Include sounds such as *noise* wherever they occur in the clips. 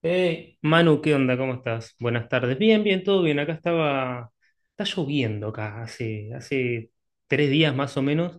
Hey, Manu, ¿qué onda? ¿Cómo estás? Buenas tardes. Bien, bien, todo bien. Acá estaba, está lloviendo acá, hace 3 días más o menos,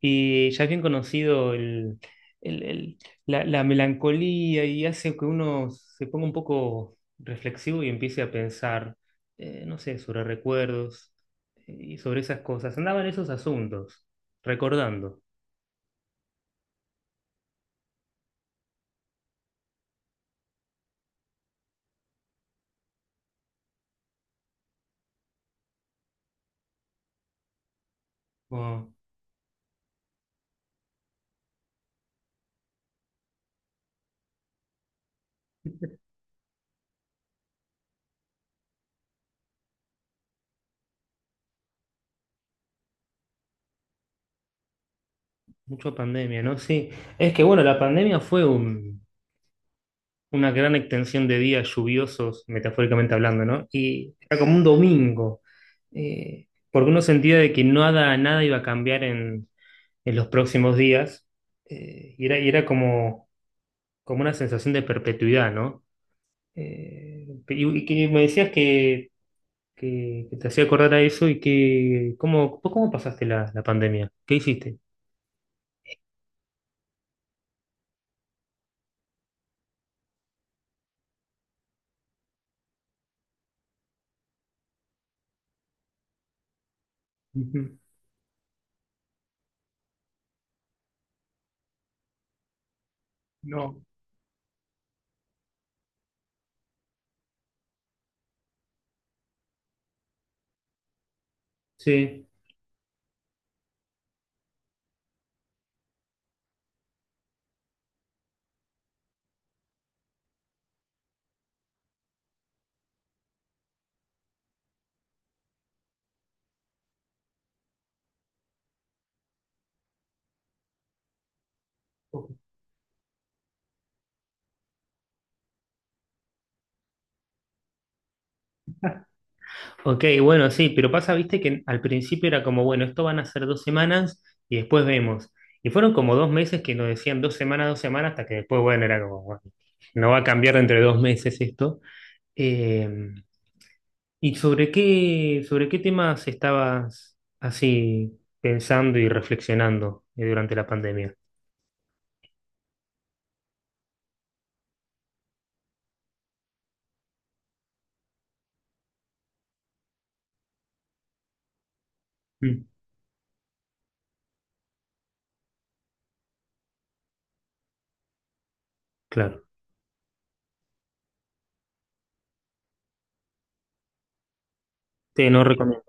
y ya es bien conocido el- el- la melancolía y hace que uno se ponga un poco reflexivo y empiece a pensar, no sé, sobre recuerdos y sobre esas cosas. Andaban esos asuntos, recordando. Oh, mucha pandemia, ¿no? Sí, es que bueno, la pandemia fue una gran extensión de días lluviosos, metafóricamente hablando, ¿no? Y era como un domingo, porque uno sentía de que nada iba a cambiar en los próximos días, y era como una sensación de perpetuidad, ¿no? Y que me decías que, que te hacía acordar a eso. ¿Cómo pasaste la pandemia? ¿Qué hiciste? Ujú. No. Sí. Ok, bueno, sí, pero pasa, viste, que al principio era como, bueno, esto van a ser 2 semanas y después vemos. Y fueron como 2 meses que nos decían 2 semanas, 2 semanas, hasta que después, bueno, era como, bueno, no va a cambiar entre 2 meses esto. Eh, ¿Y sobre qué temas estabas así pensando y reflexionando durante la pandemia? Mm, claro, te no recomiendo.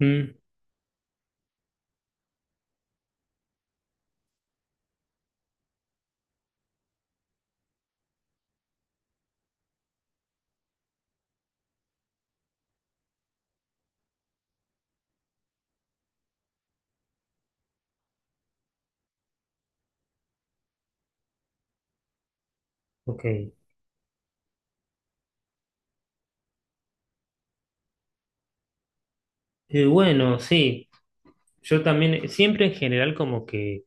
Mm, ok. Bueno, sí, yo también, siempre en general como que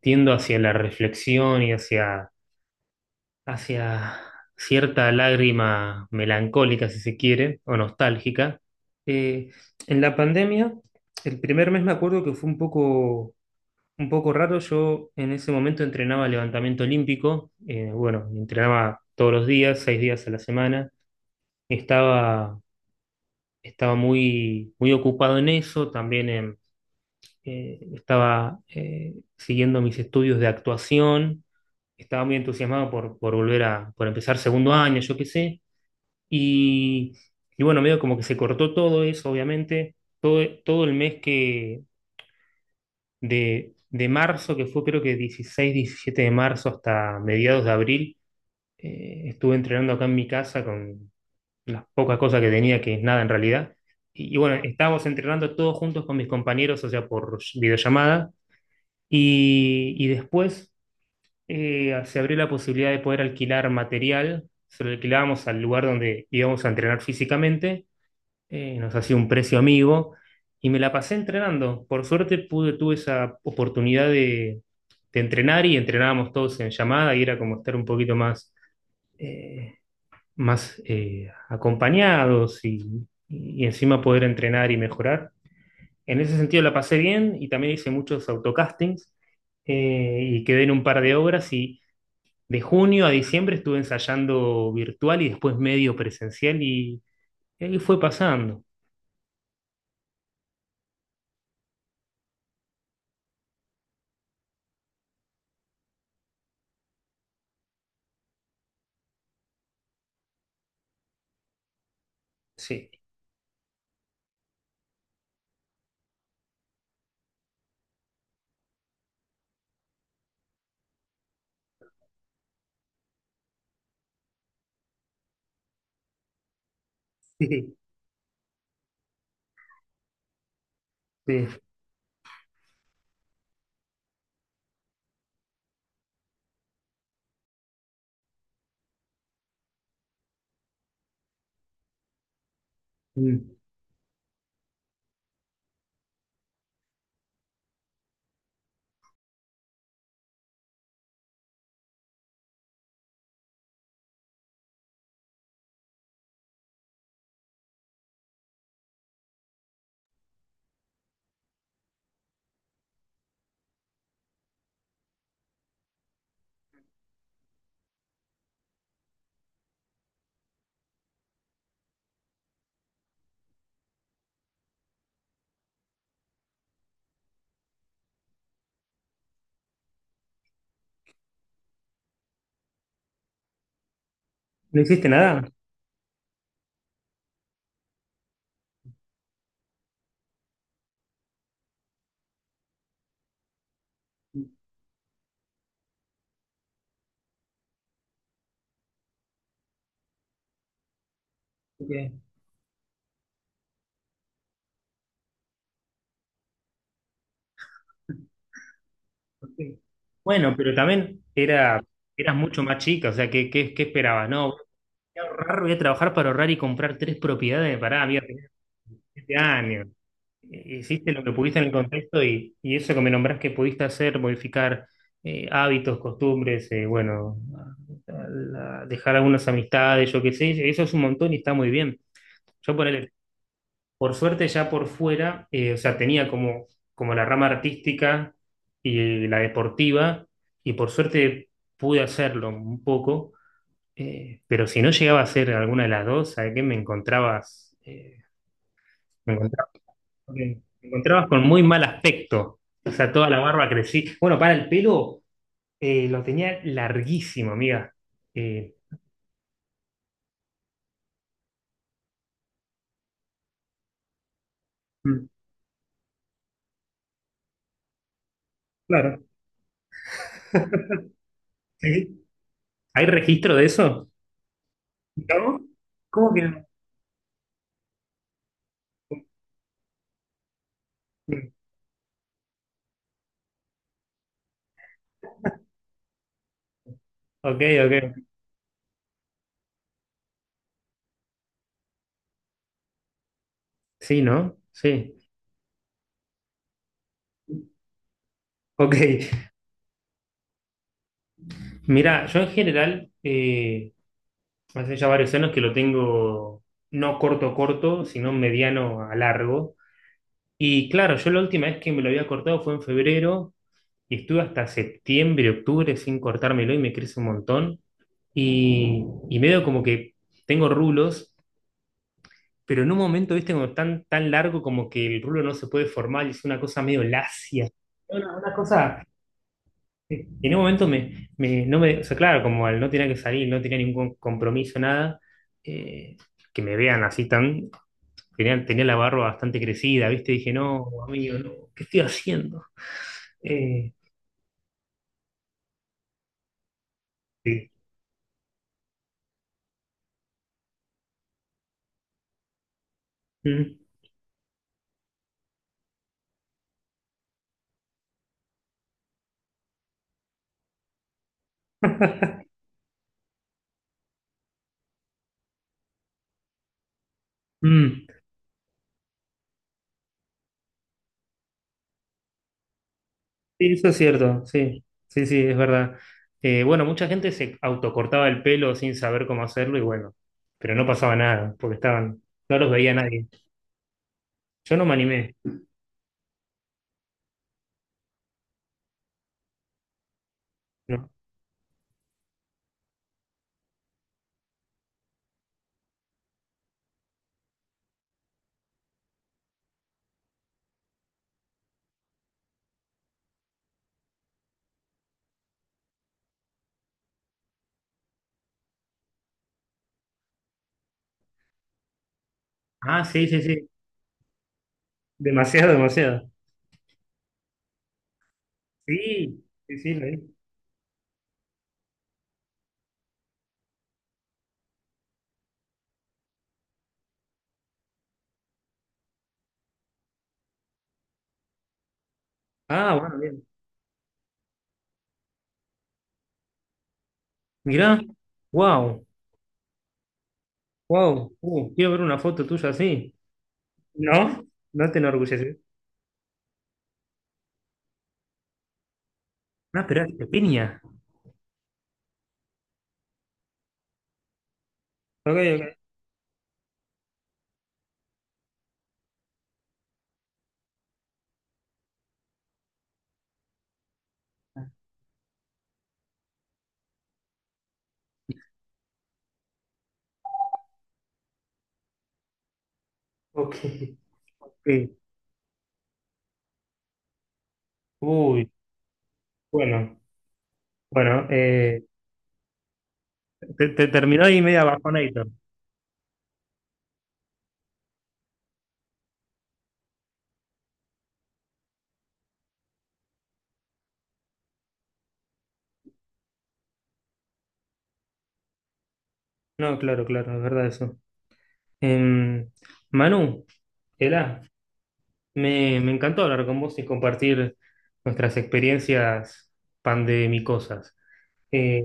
tiendo hacia la reflexión y hacia cierta lágrima melancólica, si se quiere, o nostálgica. Eh, en la pandemia, el primer mes me acuerdo que fue un poco raro. Yo en ese momento entrenaba levantamiento olímpico, bueno, entrenaba todos los días, 6 días a la semana. Estaba, estaba muy, muy ocupado en eso, también estaba siguiendo mis estudios de actuación. Estaba muy entusiasmado por empezar segundo año, yo qué sé. Y, y bueno, medio como que se cortó todo eso, obviamente. Todo el mes de marzo, que fue creo que 16-17 de marzo hasta mediados de abril. Estuve entrenando acá en mi casa con las pocas cosas que tenía, que es nada en realidad. Y bueno, estábamos entrenando todos juntos con mis compañeros, o sea, por videollamada. Y después, se abrió la posibilidad de poder alquilar material, se lo alquilábamos al lugar donde íbamos a entrenar físicamente, nos hacía un precio amigo y me la pasé entrenando. Por suerte tuve esa oportunidad de entrenar, y entrenábamos todos en llamada y era como estar un poquito eh, más acompañados y encima poder entrenar y mejorar. En ese sentido la pasé bien y también hice muchos autocastings y quedé en un par de obras. De junio a diciembre estuve ensayando virtual y después medio presencial, y ahí fue pasando. Sí. *laughs* Sí, sí. Mm. ¿No hiciste nada? Ok, ok. Bueno, pero también eras mucho más chica, o sea, ¿qué esperabas? No, voy a ahorrar, voy a trabajar para ahorrar y comprar tres propiedades. Pará, había tenido 7 años. Hiciste lo que pudiste en el contexto, y eso que me nombrás que pudiste hacer, modificar hábitos, costumbres, bueno, a- dejar algunas amistades, yo qué sé, eso es un montón y está muy bien. Yo ponele, por suerte ya por fuera, o sea, tenía como la rama artística y la deportiva, y por suerte pude hacerlo un poco, pero si no llegaba a ser alguna de las dos, ¿sabes qué me encontrabas? Me encontraba. Ok. Te encontrabas con muy mal aspecto. O sea, toda la barba crecí. Bueno, para el pelo, lo tenía larguísimo, amiga. Eh, Mm. Claro. Sí. ¿Hay registro de eso? ¿No? ¿Cómo que no? Mm. Ok, ok. Sí, ¿no? Sí. Ok. Mira, yo en general, hace ya varios años que lo tengo no corto corto, sino mediano a largo. Y claro, yo la última vez que me lo había cortado fue en febrero, y estuve hasta septiembre, octubre sin cortármelo, y me crece un montón. Y, y medio como que tengo rulos, pero en un momento, viste, como tan, tan largo, como que el rulo no se puede formar y es una cosa medio lacia. Una cosa, en un momento me, me- no me, o sea, claro, como al no tenía que salir, no tenía ningún compromiso, nada, eh, que me vean así tenía la barba bastante crecida, viste, dije, no, amigo, no, ¿qué estoy haciendo? Eh, sí. Mm. *laughs* Sí, eso es cierto, sí, sí, sí, es verdad. Bueno, mucha gente se autocortaba el pelo sin saber cómo hacerlo y bueno, pero no pasaba nada, porque no los veía nadie. Yo no me animé, ¿no? Ah, sí, sí, sí, demasiado, demasiado. Sí, sí, sí, lo vi. Ah, bueno, bien. Mirá, wow, wow, quiero ver una foto tuya así. ¿No? ¿No te enorgulleces? No, esperá, te piña. Ok, ok. Ok. *laughs* Ok. Uy, bueno, bueno, te terminó ahí media bajonator. No, claro, claro, es verdad eso. Em, Manu, Ela, me encantó hablar con vos y compartir nuestras experiencias pandemicosas. Eh,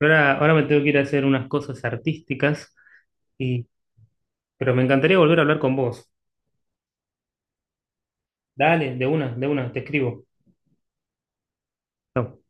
ahora me tengo que ir a hacer unas cosas artísticas, y, pero me encantaría volver a hablar con vos. Dale, de una, te escribo. Chau.